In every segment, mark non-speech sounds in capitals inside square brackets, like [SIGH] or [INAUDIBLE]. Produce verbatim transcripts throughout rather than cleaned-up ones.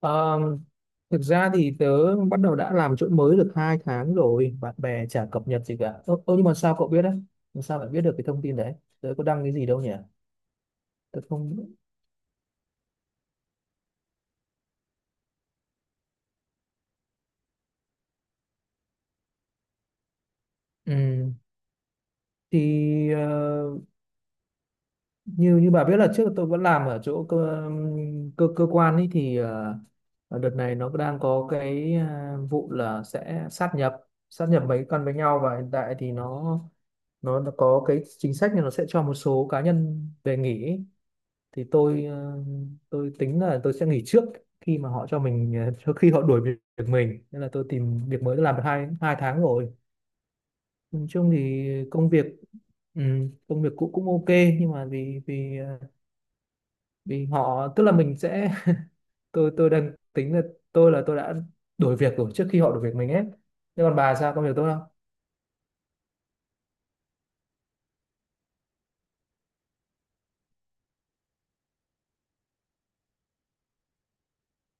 Ờ, Thực ra thì tớ bắt đầu đã làm chỗ mới được hai tháng rồi, bạn bè chả cập nhật gì cả. Ơ ô nhưng mà sao cậu biết đấy, làm sao lại biết được cái thông tin đấy? Tớ có đăng cái gì đâu nhỉ? Tớ không, ừ. Thì ờ, như như bà biết là trước tôi vẫn làm ở chỗ cơ cơ, cơ quan ấy, thì ờ, ờ, đợt này nó đang có cái ờ, vụ là sẽ sát nhập sát nhập mấy con với nhau, và hiện tại thì nó nó có cái chính sách là nó sẽ cho một số cá nhân về nghỉ ấy. Thì tôi ờ, tôi tính là tôi sẽ nghỉ trước khi mà họ cho mình, ờ, trước khi họ đuổi việc việc mình, nên là tôi tìm việc mới, tôi làm được hai hai tháng rồi. Nói chung thì công việc, ừ, công việc cũ cũng ok, nhưng mà vì vì ờ, vì họ tức là mình sẽ [LAUGHS] tôi tôi đang tính là tôi là tôi đã đuổi việc rồi trước khi họ đuổi việc mình ấy. Thế còn bà sao, công việc tốt không?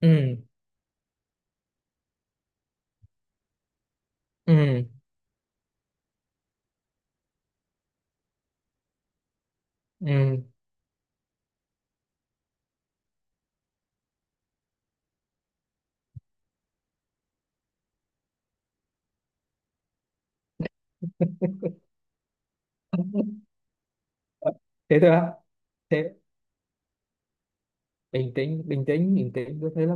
Ừ. Ừ. Ừ. [LAUGHS] Thế thôi á? Thế bình tĩnh, bình tĩnh, bình tĩnh, tôi thấy là,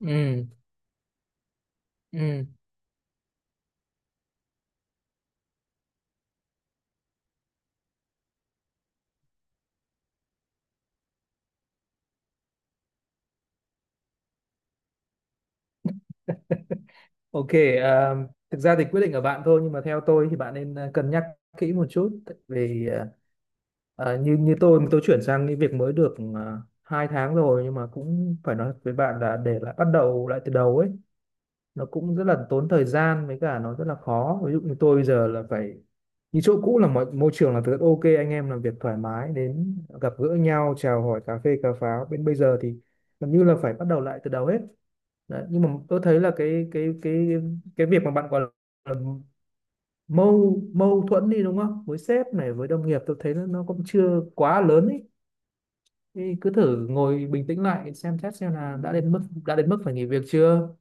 ừ, ừ, ok, à, thực ra thì quyết định ở bạn thôi, nhưng mà theo tôi thì bạn nên, à, cân nhắc kỹ một chút, tại vì à, à, như như tôi tôi chuyển sang cái việc mới được, à, hai tháng rồi, nhưng mà cũng phải nói với bạn là để lại bắt đầu lại từ đầu ấy, nó cũng rất là tốn thời gian, với cả nó rất là khó. Ví dụ như tôi bây giờ là phải, như chỗ cũ là mọi môi trường là rất ok, anh em làm việc thoải mái, đến gặp gỡ nhau chào hỏi cà phê cà pháo, bên bây giờ thì gần như là phải bắt đầu lại từ đầu hết. Đấy, nhưng mà tôi thấy là cái cái cái cái việc mà bạn gọi là mâu mâu thuẫn đi đúng không, với sếp này với đồng nghiệp, tôi thấy nó nó cũng chưa quá lớn ý. Thì cứ thử ngồi bình tĩnh lại xem xét xem là đã đến mức đã đến mức phải nghỉ việc chưa.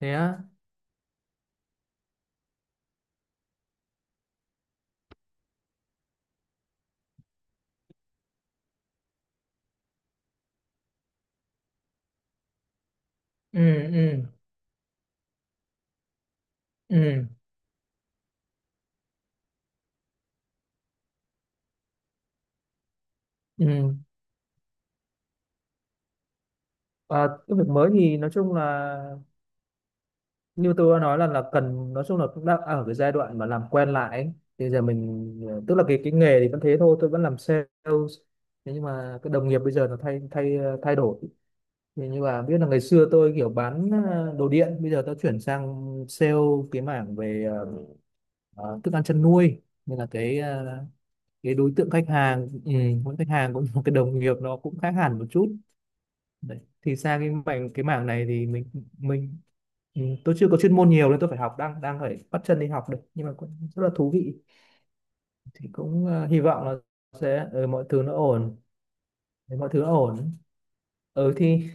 Thế á? Ừ. Ừ. Ừ. Ừ. à, cái việc mới thì nói chung là như tôi đã nói là là cần, nói chung là cũng đang ở cái giai đoạn mà làm quen lại ấy. Thì giờ mình, ờ, tức là cái cái nghề thì vẫn thế thôi, tôi vẫn làm sales. Thế nhưng mà cái đồng nghiệp bây giờ nó thay thay ờ, thay đổi. Thì như là biết là ngày xưa tôi kiểu bán, ờ, đồ điện, bây giờ tôi chuyển sang sale cái mảng về, ờ, ờ, thức ăn chăn nuôi, nên là cái ờ, cái đối tượng khách hàng, ừ, mỗi khách hàng cũng [LAUGHS] một cái đồng nghiệp nó cũng khác hẳn một chút. Đấy. Thì sang cái mảng cái mảng này thì mình mình ừ, tôi chưa có chuyên môn nhiều nên tôi phải học, đang đang phải bắt chân đi học được, nhưng mà cũng rất là thú vị. Thì cũng ờ, hy vọng là sẽ, ờ, mọi thứ nó ổn. Nếu mọi thứ nó ổn, ừ, thì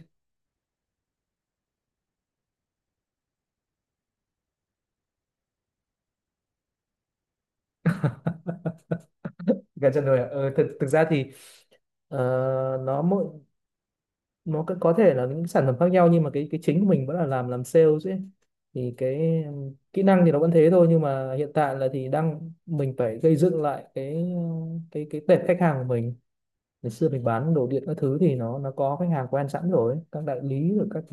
gần chân rồi ạ. Ừ, thực thực ra thì, ờ, nó mỗi, nó có có thể là những sản phẩm khác nhau, nhưng mà cái cái chính của mình vẫn là làm làm sales ấy. Thì cái ừm, kỹ năng thì nó vẫn thế thôi, nhưng mà hiện tại là thì đang mình phải gây dựng lại cái ờ, cái cái tệp khách hàng của mình. Ngày xưa mình bán đồ điện các thứ thì nó nó có khách hàng quen sẵn rồi, các đại lý rồi các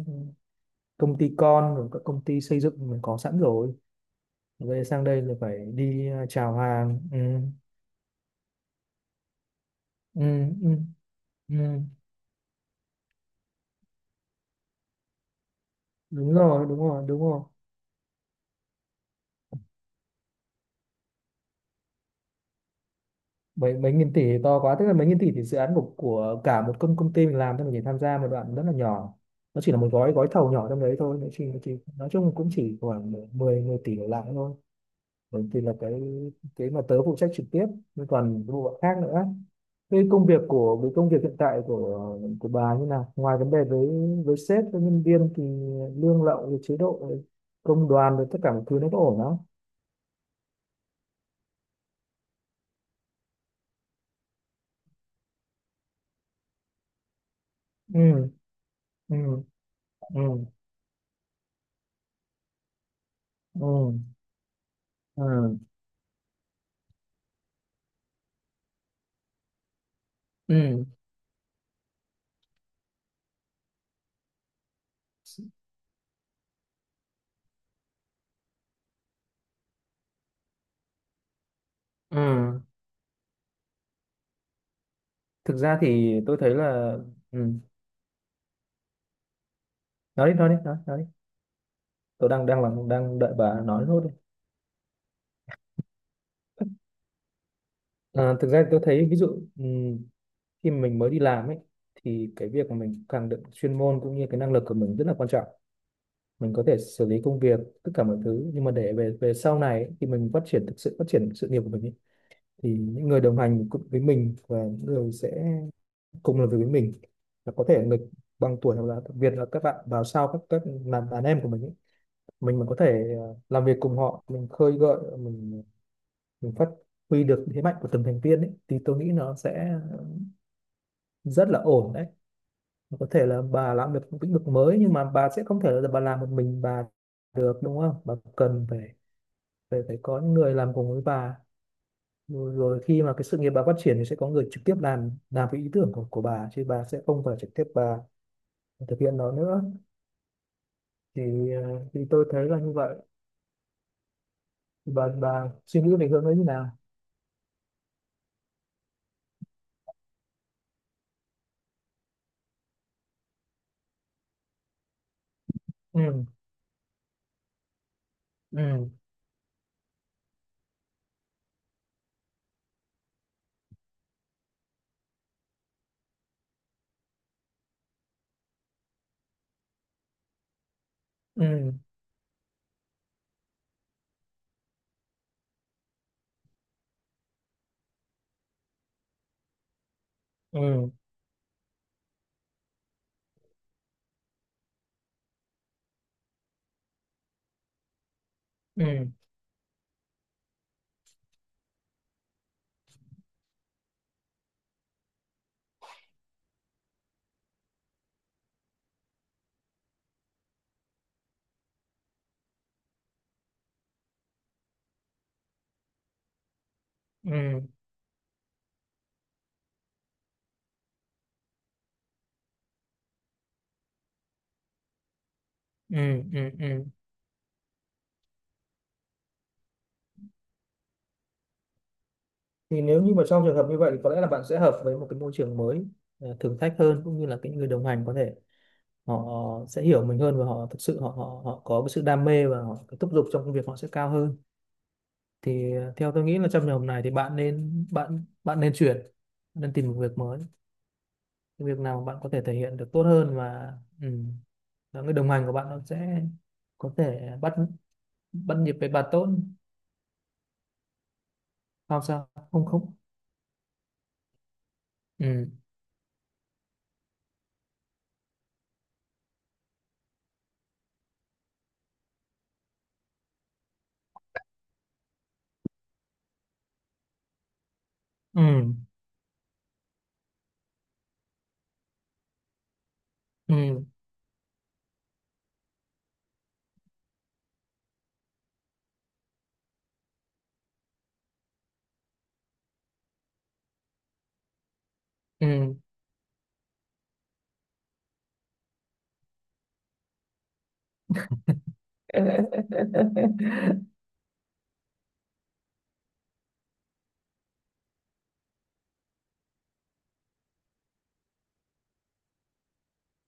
công ty con rồi các công ty xây dựng mình có sẵn rồi. Về sang đây là phải đi, à, chào hàng. Ừ, ừ, ừ, ừ. Đúng rồi, đúng rồi, đúng rồi. Mấy mấy nghìn tỷ thì to quá, tức là mấy nghìn tỷ thì dự án của của cả một công công ty mình làm thôi, mình chỉ tham gia một đoạn rất là nhỏ, nó chỉ là một gói gói thầu nhỏ trong đấy thôi. Nó chỉ, nó chỉ nói chung cũng chỉ khoảng mười mười tỷ đổ lại thôi. Đấy thì là cái cái mà tớ phụ trách trực tiếp, nhưng còn cái bộ phận khác nữa. Cái công việc của cái công việc hiện tại của của bà như nào, ngoài vấn đề với với sếp với nhân viên thì lương lậu rồi chế độ rồi công đoàn rồi tất cả mọi thứ nó có ổn không? Ừ. Ừ. Ừ. Ừ. Ừ. Ừ. Ừ. Thực ra thì tôi thấy là, ừ. Nói đi, nói đi, nói, nói đi. Tôi đang đang làm đang đợi bà nói nốt đi. Ờ, thực ra thì tôi thấy ví dụ, ừ, khi mình mới đi làm ấy, thì cái việc mà mình càng được chuyên môn cũng như cái năng lực của mình rất là quan trọng, mình có thể xử lý công việc tất cả mọi thứ. Nhưng mà để về về sau này ấy, thì mình phát triển, thực sự phát triển sự nghiệp của mình ấy, thì những người đồng hành cùng với mình và những người sẽ cùng làm việc với mình là có thể người bằng tuổi hoặc là đặc biệt là các bạn vào sau, các các làm đàn em của mình ấy. Mình mà có thể, ờ, làm việc cùng họ, mình khơi gợi, mình mình phát huy được thế mạnh của từng thành viên ấy, thì tôi nghĩ nó sẽ rất là ổn đấy. Có thể là bà làm được một lĩnh vực mới, nhưng mà bà sẽ không thể là bà làm một mình bà được, đúng không, bà cần phải phải phải có những người làm cùng với bà. Rồi, rồi khi mà cái sự nghiệp bà phát triển thì sẽ có người trực tiếp làm làm cái ý tưởng của của bà, chứ bà sẽ không phải trực tiếp bà thực hiện nó nữa. Thì ờ, thì tôi thấy là như vậy. Thì bà bà suy nghĩ về hướng ấy như nào? Ừ. Ừ. Ừ. Ừ. Ừ. Ừ. Ừ. Ừ. Ừ, ừ. Thì nếu như mà trong trường hợp như vậy thì có lẽ là bạn sẽ hợp với một cái môi trường mới, ờ, thử thách hơn, cũng như là cái người đồng hành có thể họ sẽ hiểu mình hơn, và họ thực sự họ họ họ có cái sự đam mê, và họ cái thúc giục trong công việc họ sẽ cao hơn. Thì ờ, theo tôi nghĩ là trong trường hợp này thì bạn nên bạn bạn nên chuyển, nên tìm một việc mới, cái việc nào bạn có thể thể hiện được tốt hơn. Và ừ, và người đồng hành của bạn nó sẽ có thể bắt bắt nhịp với bạn tốt. Không sao, không, không. Ừ. Ừ. Ừ. Ừ. [LAUGHS]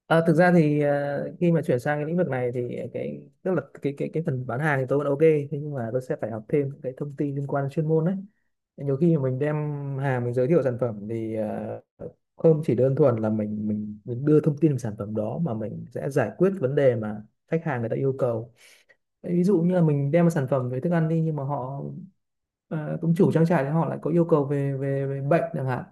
Ờ, thực ra thì, ờ, khi mà chuyển sang cái lĩnh vực này thì cái tức là cái cái cái phần bán hàng thì tôi vẫn ok, thế nhưng mà tôi sẽ phải học thêm những cái thông tin liên quan đến chuyên môn đấy. Nhiều khi mà mình đem hàng, mình giới thiệu sản phẩm thì, ờ, không chỉ đơn thuần là mình mình mình đưa thông tin về sản phẩm đó, mà mình sẽ giải quyết vấn đề mà khách hàng người ta yêu cầu. Đấy, ví dụ như là mình đem một sản phẩm về thức ăn đi, nhưng mà họ, ờ, cũng chủ trang trại, thì họ lại có yêu cầu về về, về bệnh chẳng hạn.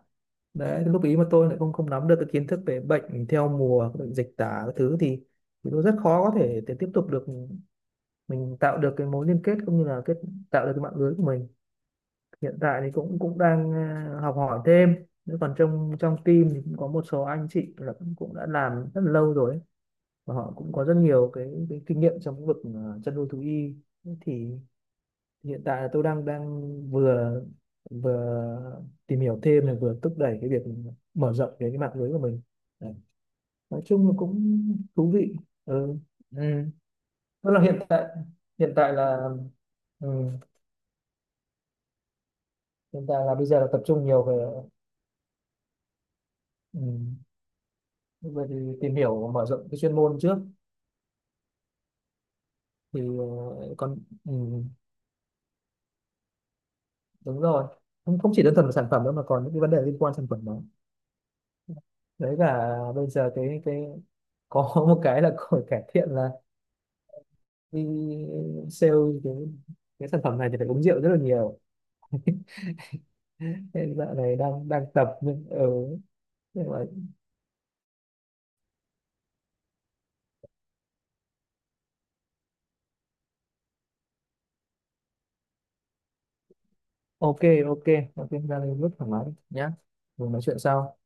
Đấy lúc ý mà tôi lại không không nắm được cái kiến thức về bệnh theo mùa, bệnh dịch tả các thứ thì thì tôi rất khó có thể để tiếp tục được, mình tạo được cái mối liên kết, cũng như là kết, tạo được cái mạng lưới của mình. Hiện tại thì cũng cũng đang, ờ, học hỏi thêm. Nếu còn trong trong team thì cũng có một số anh chị là cũng, cũng đã làm rất là lâu rồi ấy, và họ cũng có rất nhiều cái, cái kinh nghiệm trong lĩnh vực, ờ, chăn nuôi thú y. Thế thì hiện tại là tôi đang đang vừa, vừa tìm hiểu thêm này, vừa thúc đẩy cái việc mở rộng cái, cái mạng lưới của mình. Đấy. Nói chung là cũng thú vị. Ừ. Ừ. Tức là hiện tại, hiện tại là, ừ. Hiện tại là bây giờ là tập trung nhiều về, ừ, về thì tìm hiểu mở rộng cái chuyên môn trước. Thì ờ, còn, ừ. Đúng rồi, không, không chỉ đơn thuần là sản phẩm đâu, mà còn những cái vấn đề liên quan sản phẩm đó. Đấy là bây giờ cái cái có [LAUGHS] một cái là có cải thiện là đi sale cái, cái sản phẩm này thì phải uống rượu rất là nhiều, nên dạo này đang đang tập. Nhưng ừ, nhưng mà ok. Ok. Ok, ra đây rất thoải mái nhá. Mình nói chuyện sau.